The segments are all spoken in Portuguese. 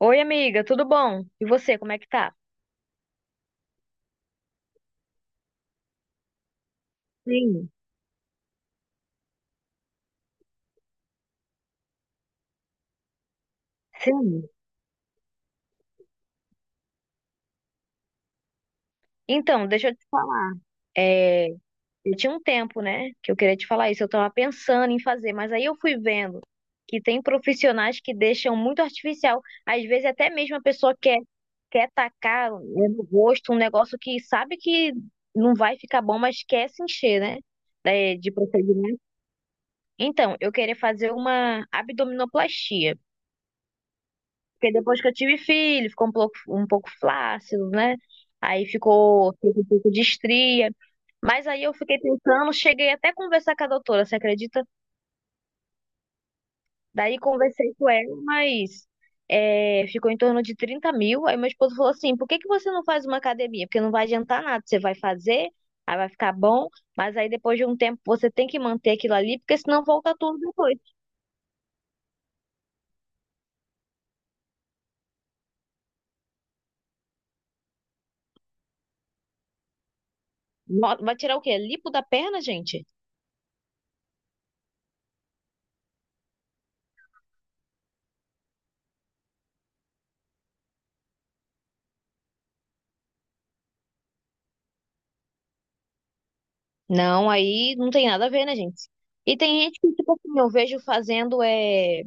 Oi, amiga, tudo bom? E você, como é que tá? Sim, sim. Então, deixa eu te falar. É, eu tinha um tempo, né, que eu queria te falar isso, eu tava pensando em fazer, mas aí eu fui vendo que tem profissionais que deixam muito artificial. Às vezes até mesmo a pessoa quer tacar né, no rosto um negócio que sabe que não vai ficar bom, mas quer se encher, né, de procedimento. Então, eu queria fazer uma abdominoplastia. Porque depois que eu tive filho, ficou um pouco flácido, né? Aí ficou um pouco de estria. Mas aí eu fiquei pensando, cheguei até a conversar com a doutora, você acredita? Daí conversei com ela, mas ficou em torno de 30.000. Aí meu esposo falou assim: por que que você não faz uma academia? Porque não vai adiantar nada, você vai fazer, aí vai ficar bom, mas aí depois de um tempo você tem que manter aquilo ali, porque senão volta tudo depois. Vai tirar o quê? Lipo da perna, gente? Não, aí não tem nada a ver, né, gente? E tem gente que, tipo assim, eu vejo fazendo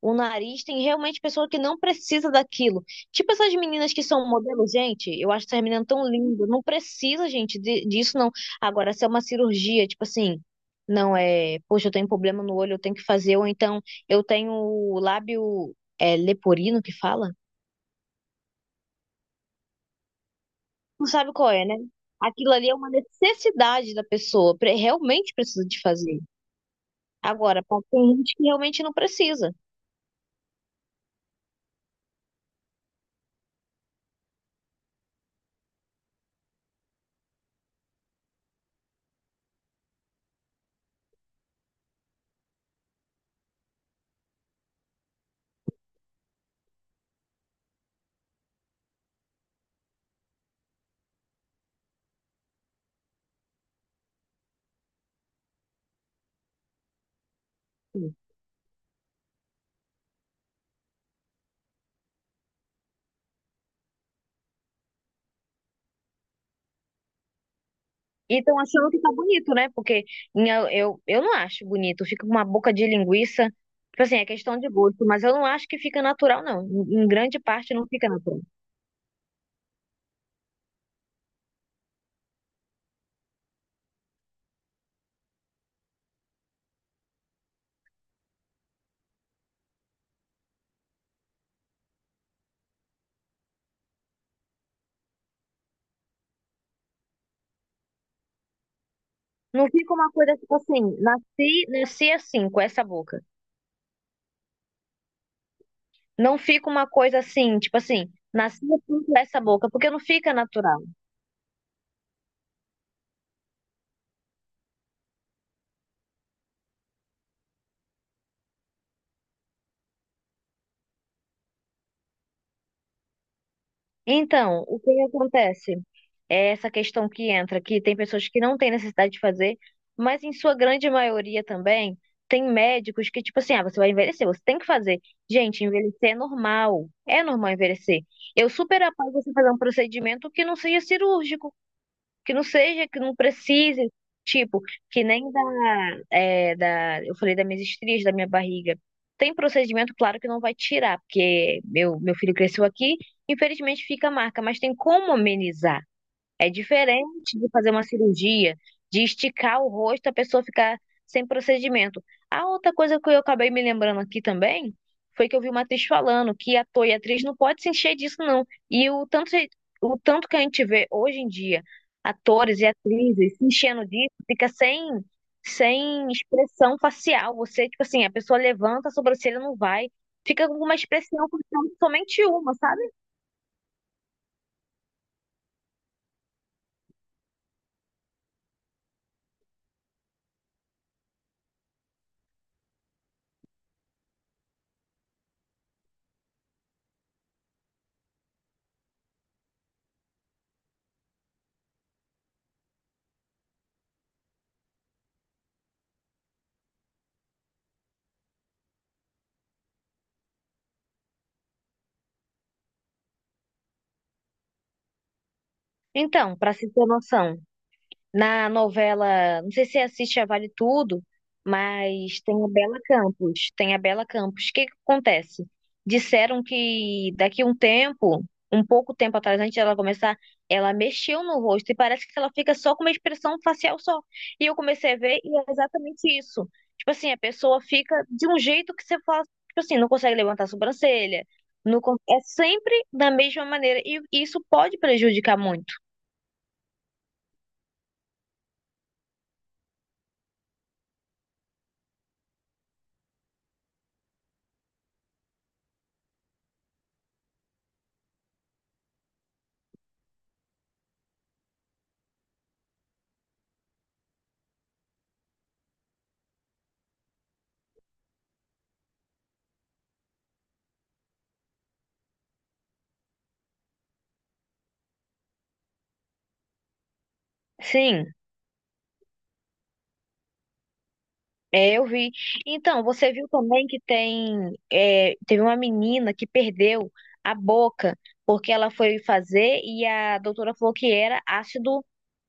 o nariz, tem realmente pessoa que não precisa daquilo. Tipo essas meninas que são modelo, gente, eu acho essas meninas tão lindas. Não precisa, gente, disso, não. Agora, se é uma cirurgia, tipo assim, não é, poxa, eu tenho problema no olho, eu tenho que fazer, ou então eu tenho o lábio leporino que fala? Não sabe qual é, né? Aquilo ali é uma necessidade da pessoa, realmente precisa de fazer. Agora, tem gente que realmente não precisa. E estão achando que tá bonito, né? Porque eu não acho bonito. Fica com uma boca de linguiça. Tipo assim, é questão de gosto. Mas eu não acho que fica natural, não. Em grande parte não fica natural. Não fica uma coisa, tipo assim, nasci, nasci assim, com essa boca. Não fica uma coisa assim, tipo assim, nasci assim com essa boca. Porque não fica natural. Então, o que acontece? É essa questão que entra, que tem pessoas que não têm necessidade de fazer, mas em sua grande maioria também tem médicos que, tipo assim, ah, você vai envelhecer, você tem que fazer. Gente, envelhecer é normal. É normal envelhecer. Eu super apoio você fazer um procedimento que não seja cirúrgico, que não seja, que não precise, tipo, que nem da, eu falei das minhas estrias, da minha barriga. Tem procedimento, claro que não vai tirar, porque meu filho cresceu aqui, infelizmente fica a marca, mas tem como amenizar. É diferente de fazer uma cirurgia, de esticar o rosto, a pessoa ficar sem procedimento. A outra coisa que eu acabei me lembrando aqui também foi que eu vi uma atriz falando que ator e atriz não pode se encher disso, não. E o tanto que a gente vê hoje em dia, atores e atrizes se enchendo disso, fica sem expressão facial. Você, tipo assim, a pessoa levanta a sobrancelha, não vai. Fica com uma expressão facial, somente uma, sabe? Então, para se ter noção. Na novela, não sei se você assiste a Vale Tudo, mas tem a Bela Campos. Tem a Bela Campos. O que que acontece? Disseram que daqui a um tempo, um pouco tempo atrás, antes dela começar, ela mexeu no rosto e parece que ela fica só com uma expressão facial só. E eu comecei a ver e é exatamente isso. Tipo assim, a pessoa fica de um jeito que você fala, tipo assim, não consegue levantar a sobrancelha. Não, é sempre da mesma maneira. E isso pode prejudicar muito. Sim. É, eu vi. Então, você viu também que tem, teve uma menina que perdeu a boca porque ela foi fazer e a doutora falou que era ácido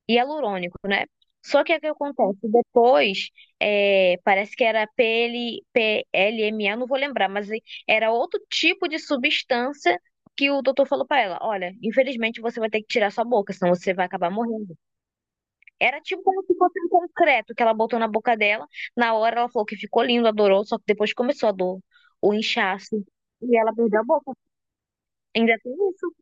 hialurônico, né? Só que o que acontece? Depois, parece que era PPLPLMA, não vou lembrar, mas era outro tipo de substância que o doutor falou para ela: olha, infelizmente você vai ter que tirar sua boca, senão você vai acabar morrendo. Era tipo como se fosse um concreto que ela botou na boca dela. Na hora ela falou que ficou lindo, adorou, só que depois começou a dor, o inchaço. E ela perdeu a boca. Ainda tem isso?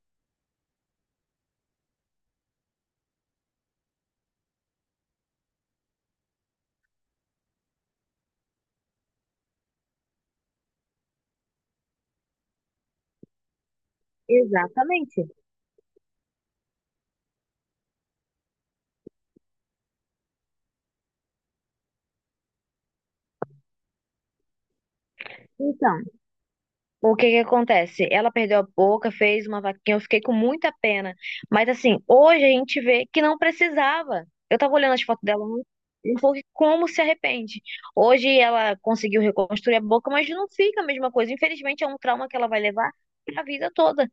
Exatamente. Então, o que que acontece? Ela perdeu a boca, fez uma vaquinha, eu fiquei com muita pena. Mas assim, hoje a gente vê que não precisava. Eu tava olhando as fotos dela ontem, e falou que como se arrepende. Hoje ela conseguiu reconstruir a boca, mas não fica a mesma coisa. Infelizmente é um trauma que ela vai levar a vida toda.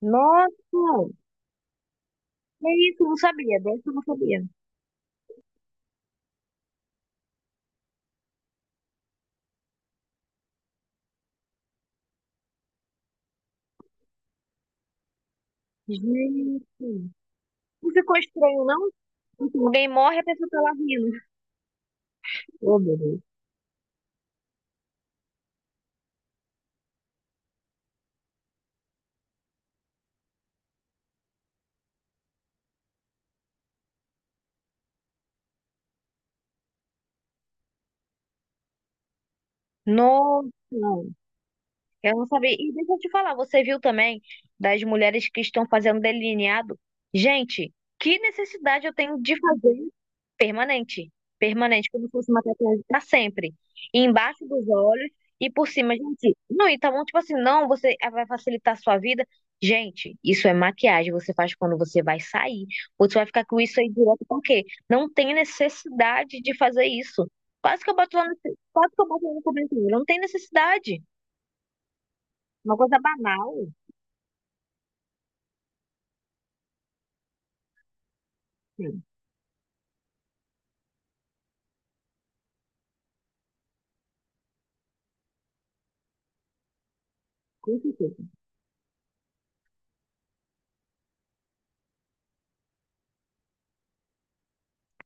Nossa, é isso, eu não sabia, dessa eu não sabia. Gente, não ficou estranho, não? Tipo, alguém morre, a pessoa tá lá rindo. Oh, meu Deus. Nossa, eu não sabia. E deixa eu te falar, você viu também das mulheres que estão fazendo delineado? Gente, que necessidade eu tenho de fazer? Permanente. Permanente, como se fosse uma tatuagem para sempre. E embaixo dos olhos e por cima, gente. Não, então, tipo assim, não, você vai facilitar a sua vida. Gente, isso é maquiagem. Você faz quando você vai sair. Ou você vai ficar com isso aí direto porque não tem necessidade de fazer isso. Quase que eu boto lá no, quase que eu boto lá no comentário. Não tem necessidade. Uma coisa banal. Sim, com certeza.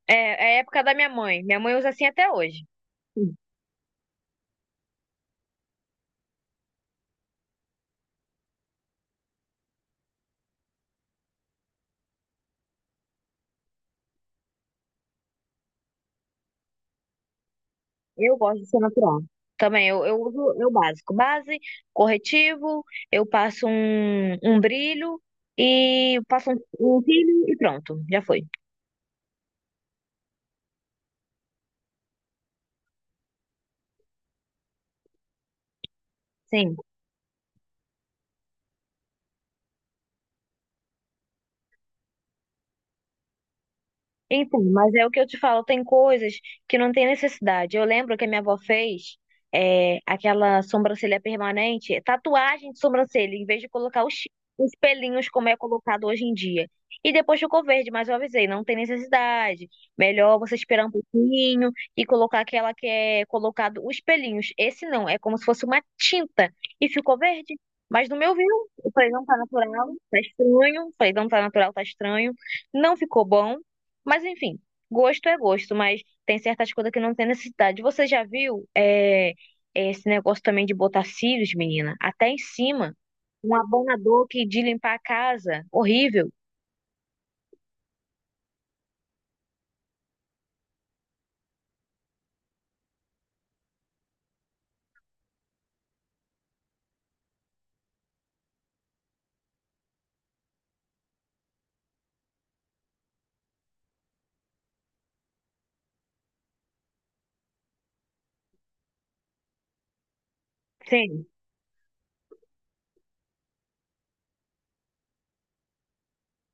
É, é a época da minha mãe. Minha mãe usa assim até hoje. Eu gosto de ser natural. Também, eu uso eu básico. Base, corretivo, eu passo um brilho e passo um cílio e pronto, já foi. Sim. Então, mas é o que eu te falo, tem coisas que não tem necessidade. Eu lembro que a minha avó fez aquela sobrancelha permanente, tatuagem de sobrancelha, em vez de colocar os pelinhos como é colocado hoje em dia. E depois ficou verde, mas eu avisei, não tem necessidade. Melhor você esperar um pouquinho e colocar aquela que é colocado os pelinhos. Esse não, é como se fosse uma tinta e ficou verde. Mas no meu viu, eu falei, não tá natural, tá estranho. Falei, não tá natural, tá estranho. Não ficou bom. Mas enfim, gosto é gosto, mas tem certas coisas que não tem necessidade. Você já viu esse negócio também de botar cílios, menina? Até em cima, um abanador que de limpar a casa, horrível. Sim.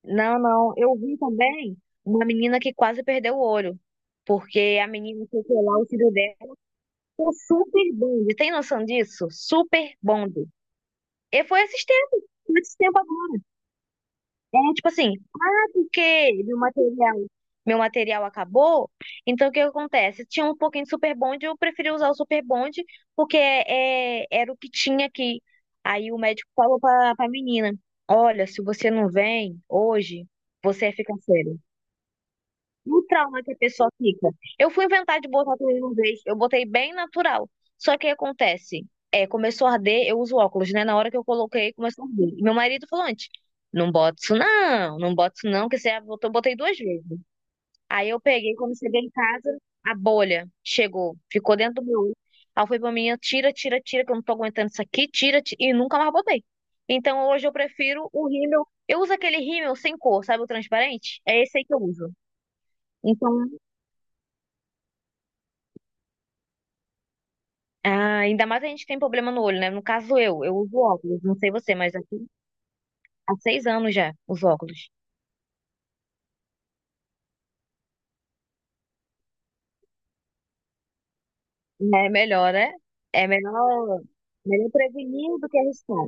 Não, não. Eu vi também uma menina que quase perdeu o olho, porque a menina foi colar o cílio dela. O super bonde, tem noção disso? Super bonde. E foi esses tempos agora. Tipo assim, porque meu material acabou. Então, o que acontece? Tinha um pouquinho de Super Bond, eu preferi usar o Super Bond, porque era o que tinha aqui. Aí o médico falou pra menina: olha, se você não vem hoje, você fica sério o trauma que a pessoa fica. Eu fui inventar de botar tudo de uma vez, eu botei bem natural. Só que o que acontece? Começou a arder, eu uso óculos, né? Na hora que eu coloquei, começou a arder. E meu marido falou antes, não bota isso não, não bota isso não, que você botou, botei 2 vezes. Aí eu peguei, quando cheguei em casa, a bolha chegou, ficou dentro do meu olho. Aí foi pra mim, tira, tira, tira, que eu não tô aguentando isso aqui, tira, tira, e nunca mais botei. Então hoje eu prefiro o rímel, eu uso aquele rímel sem cor, sabe o transparente? É esse aí que eu uso. Então. Ah, ainda mais a gente que tem problema no olho, né? No caso eu, uso óculos, não sei você, mas aqui há 6 anos já, os óculos. É melhor, né? É melhor, melhor prevenir do que arriscar.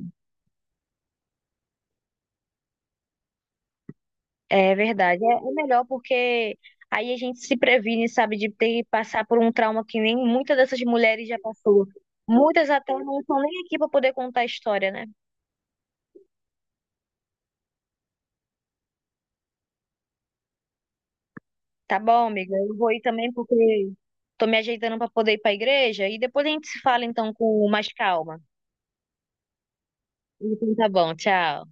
É verdade, é melhor porque aí a gente se previne, sabe, de ter que passar por um trauma que nem muitas dessas mulheres já passou. Muitas até não estão nem aqui para poder contar a história, né? Tá bom, amiga, eu vou ir também porque tô me ajeitando para poder ir para a igreja e depois a gente se fala então com mais calma. Então tá bom, tchau.